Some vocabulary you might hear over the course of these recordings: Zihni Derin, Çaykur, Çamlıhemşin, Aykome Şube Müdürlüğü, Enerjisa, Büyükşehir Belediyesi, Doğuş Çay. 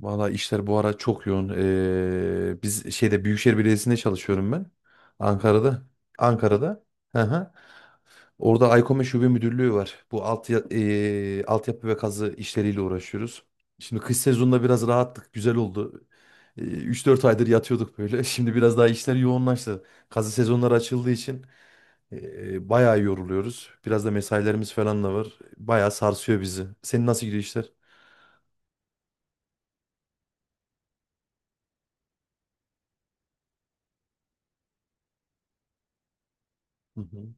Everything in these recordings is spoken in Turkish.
Valla işler bu ara çok yoğun. Biz Büyükşehir Belediyesi'nde çalışıyorum ben. Ankara'da. Ankara'da. Hı hı. Orada Aykome Şube Müdürlüğü var. Bu altyapı ve kazı işleriyle uğraşıyoruz. Şimdi kış sezonunda biraz rahattık. Güzel oldu. 3-4 aydır yatıyorduk böyle. Şimdi biraz daha işler yoğunlaştı. Kazı sezonları açıldığı için bayağı yoruluyoruz. Biraz da mesailerimiz falan da var. Bayağı sarsıyor bizi. Senin nasıl gidiyor işler? Hı hı.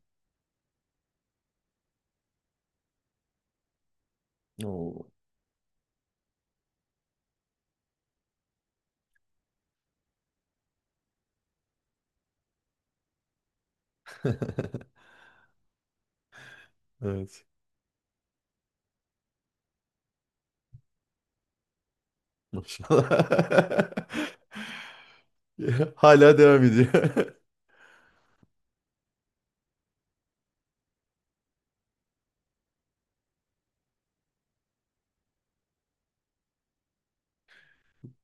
Oo. Evet. Maşallah. Ya, hala devam ediyor.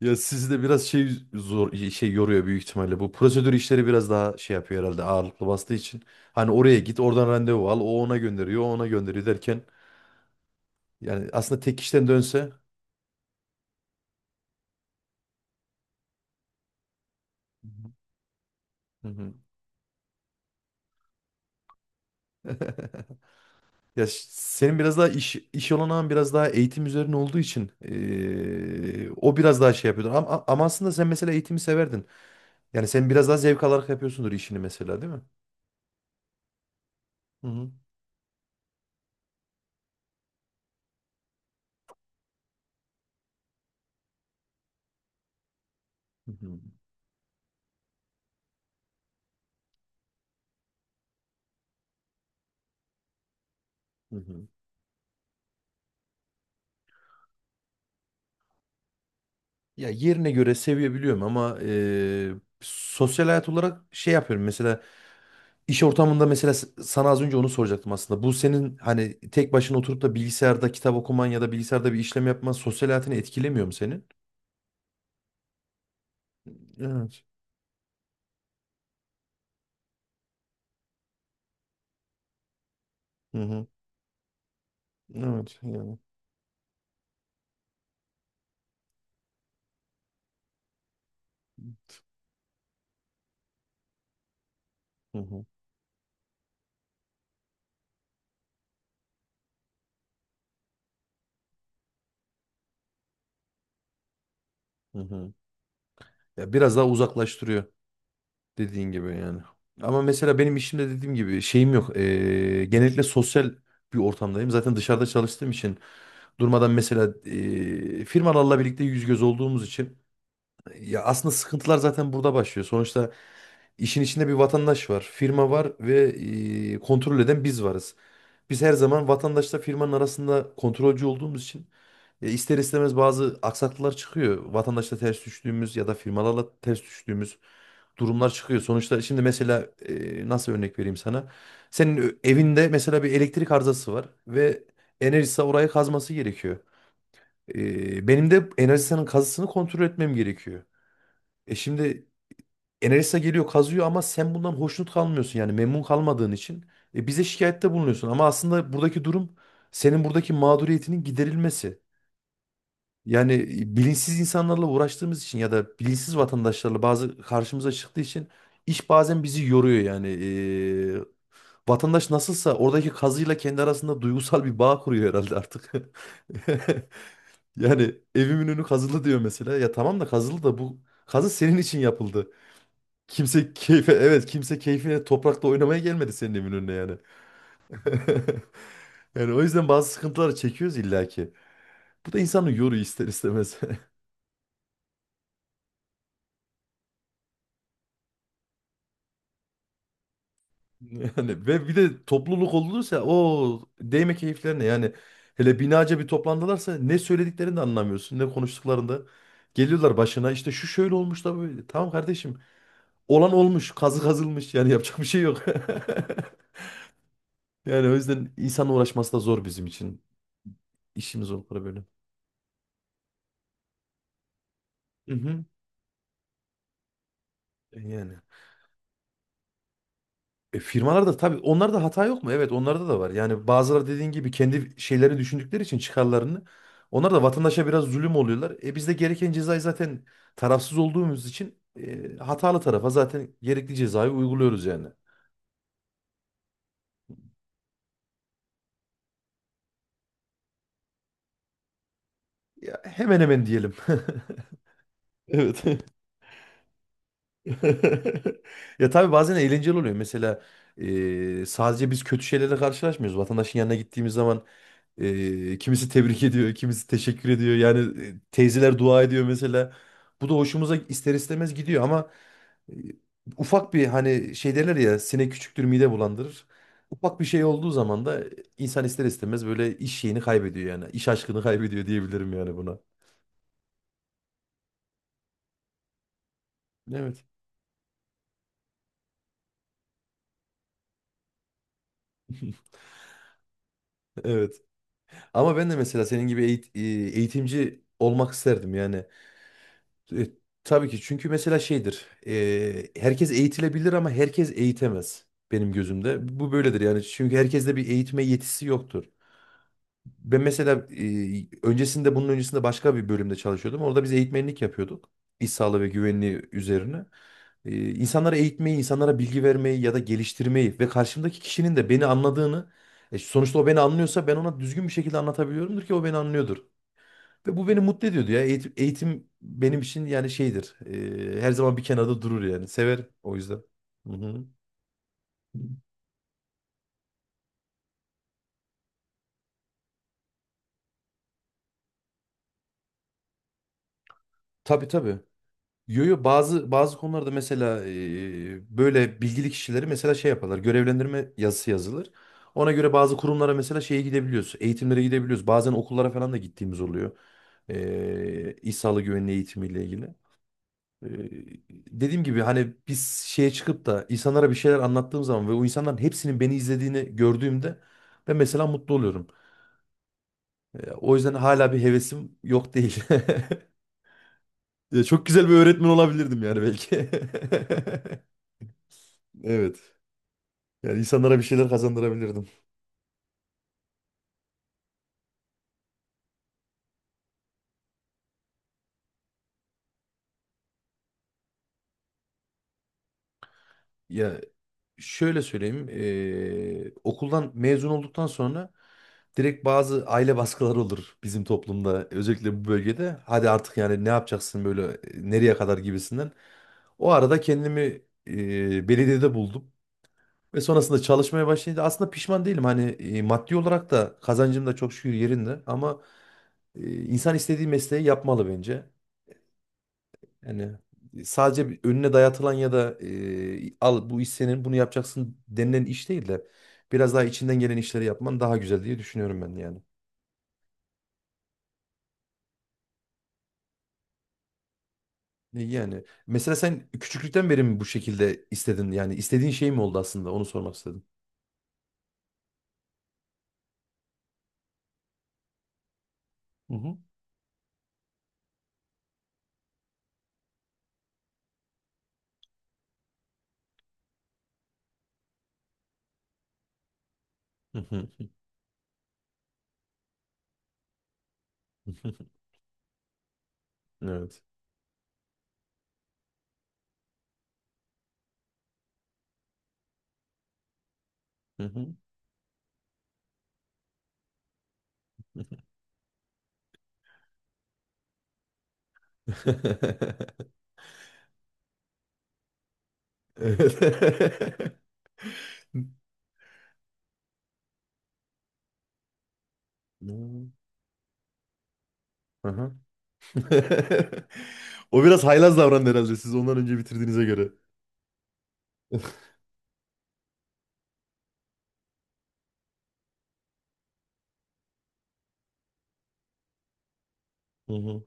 Ya sizi de biraz zor yoruyor büyük ihtimalle. Bu prosedür işleri biraz daha yapıyor herhalde ağırlıklı bastığı için. Hani oraya git, oradan randevu al, o ona gönderiyor, o ona gönderiyor derken yani aslında tek kişiden dönse. Hı hı. Senin biraz daha iş olanağın biraz daha eğitim üzerine olduğu için o biraz daha yapıyordur. Ama aslında sen mesela eğitimi severdin. Yani sen biraz daha zevk alarak yapıyorsundur işini mesela, değil mi? Hı hı. Hı hı. Hı hı. Ya yerine göre sevebiliyorum ama sosyal hayat olarak yapıyorum. Mesela iş ortamında mesela sana az önce onu soracaktım aslında. Bu senin hani tek başına oturup da bilgisayarda kitap okuman ya da bilgisayarda bir işlem yapman sosyal hayatını etkilemiyor mu senin? Evet. Hı hı. Evet yani. Hı hı. Hı hı. Ya biraz daha uzaklaştırıyor. Dediğin gibi yani. Ama mesela benim işimde dediğim gibi şeyim yok. Genellikle sosyal bir ortamdayım. Zaten dışarıda çalıştığım için durmadan mesela firmalarla birlikte yüz göz olduğumuz için ya aslında sıkıntılar zaten burada başlıyor. Sonuçta işin içinde bir vatandaş var, firma var ve kontrol eden biz varız. Biz her zaman vatandaşla firmanın arasında kontrolcü olduğumuz için ister istemez bazı aksaklıklar çıkıyor. Vatandaşla ters düştüğümüz ya da firmalarla ters düştüğümüz durumlar çıkıyor. Sonuçta şimdi mesela, nasıl örnek vereyim sana? Evinde mesela bir elektrik arızası var ve Enerjisa orayı kazması gerekiyor. Benim de Enerjisa'nın kazısını kontrol etmem gerekiyor. Şimdi Enerjisa geliyor kazıyor ama sen bundan hoşnut kalmıyorsun, yani memnun kalmadığın için bize şikayette bulunuyorsun. Ama aslında buradaki durum senin buradaki mağduriyetinin giderilmesi. Yani bilinçsiz insanlarla uğraştığımız için ya da bilinçsiz vatandaşlarla bazı karşımıza çıktığı için iş bazen bizi yoruyor yani. Vatandaş nasılsa oradaki kazıyla kendi arasında duygusal bir bağ kuruyor herhalde artık. Yani evimin önü kazılı diyor mesela. Ya tamam da kazılı da bu kazı senin için yapıldı. Kimse keyfe, evet, kimse keyfine toprakla oynamaya gelmedi senin evin önüne yani. Yani o yüzden bazı sıkıntıları çekiyoruz illaki. Bu da insanı yoruyor ister istemez. Yani ve bir de topluluk olursa o değme keyiflerine, yani hele binaca bir toplandılarsa ne söylediklerini de anlamıyorsun ne konuştuklarında. Geliyorlar başına, işte şu şöyle olmuş da böyle. Tamam kardeşim, olan olmuş, kazı kazılmış, yani yapacak bir şey yok. Yani o yüzden insan uğraşması da zor bizim için. İşimiz olur böyle. Hı hı. Yani. Firmalarda tabii, onlarda hata yok mu? Evet, onlarda da var. Yani bazıları dediğin gibi kendi şeylerini düşündükleri için, çıkarlarını. Onlar da vatandaşa biraz zulüm oluyorlar. E biz de gereken cezayı zaten tarafsız olduğumuz için hatalı tarafa zaten gerekli cezayı uyguluyoruz yani. Ya, hemen hemen diyelim. Evet. Ya tabii bazen eğlenceli oluyor. Mesela sadece biz kötü şeylerle karşılaşmıyoruz. Vatandaşın yanına gittiğimiz zaman kimisi tebrik ediyor, kimisi teşekkür ediyor. Yani teyzeler dua ediyor mesela. Bu da hoşumuza ister istemez gidiyor ama e, ufak bir, hani şey derler ya, sinek küçüktür mide bulandırır. Ufak bir şey olduğu zaman da insan ister istemez böyle iş şeyini kaybediyor yani. İş aşkını kaybediyor diyebilirim yani buna. Evet. Evet. Ama ben de mesela senin gibi eğitimci olmak isterdim yani. E, tabii ki, çünkü mesela şeydir. Herkes eğitilebilir ama herkes eğitemez benim gözümde. Bu böyledir yani. Çünkü herkeste bir eğitme yetisi yoktur. Ben mesela öncesinde, bunun öncesinde başka bir bölümde çalışıyordum. Orada biz eğitmenlik yapıyorduk. İş sağlığı ve güvenliği üzerine. İnsanlara eğitmeyi, insanlara bilgi vermeyi ya da geliştirmeyi ve karşımdaki kişinin de beni anladığını, sonuçta o beni anlıyorsa ben ona düzgün bir şekilde anlatabiliyorumdur ki o beni anlıyordur. Ve bu beni mutlu ediyordu ya. Eğitim, eğitim benim için yani şeydir. Her zaman bir kenarda durur yani. Severim o yüzden. Hı hı. Tabii tabii. Yo yo, bazı konularda mesela böyle bilgili kişileri mesela yaparlar. Görevlendirme yazısı yazılır. Ona göre bazı kurumlara mesela gidebiliyoruz. Eğitimlere gidebiliyoruz. Bazen okullara falan da gittiğimiz oluyor. E, İş Sağlığı Güvenliği eğitimiyle ilgili. Ee, Dediğim gibi, hani biz çıkıp da insanlara bir şeyler anlattığım zaman ve o insanların hepsinin beni izlediğini gördüğümde ben mesela mutlu oluyorum. O yüzden hala bir hevesim yok değil. Ya, çok güzel bir öğretmen olabilirdim yani belki. Evet. Yani insanlara bir şeyler kazandırabilirdim. Ya şöyle söyleyeyim, okuldan mezun olduktan sonra direkt bazı aile baskıları olur bizim toplumda, özellikle bu bölgede. Hadi artık yani ne yapacaksın böyle, nereye kadar gibisinden. O arada kendimi belediyede buldum ve sonrasında çalışmaya başlayınca aslında pişman değilim. Hani maddi olarak da kazancım da çok şükür yerinde ama insan istediği mesleği yapmalı bence. Yani sadece bir önüne dayatılan ya da, al bu iş senin, bunu yapacaksın denilen iş değil de biraz daha içinden gelen işleri yapman daha güzel diye düşünüyorum ben yani. Yani mesela sen küçüklükten beri mi bu şekilde istedin, yani istediğin şey mi oldu aslında, onu sormak istedim. Hı hı. Hı hı. Evet. Hı hı. Evet. Hmm. Aha. O biraz haylaz davrandı herhalde, siz ondan önce bitirdiğinize göre. Hı hı.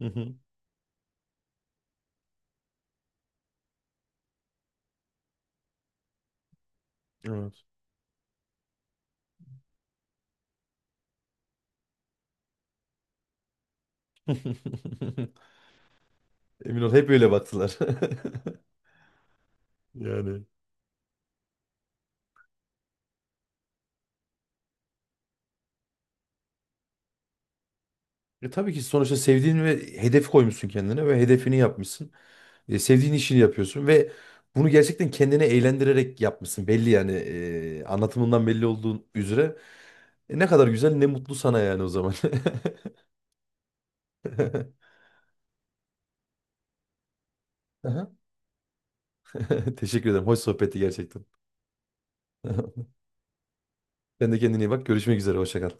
Hı hı. Evet. Emin ol hep öyle baktılar. Yani, E tabii ki sonuçta sevdiğin ve hedef koymuşsun kendine ve hedefini yapmışsın. Sevdiğin işini yapıyorsun ve bunu gerçekten kendini eğlendirerek yapmışsın. Belli yani, anlatımından belli olduğun üzere. E, ne kadar güzel, ne mutlu sana yani o zaman. Aha. Teşekkür ederim. Hoş sohbetti gerçekten. Sen de kendine iyi bak. Görüşmek üzere. Hoşça kal.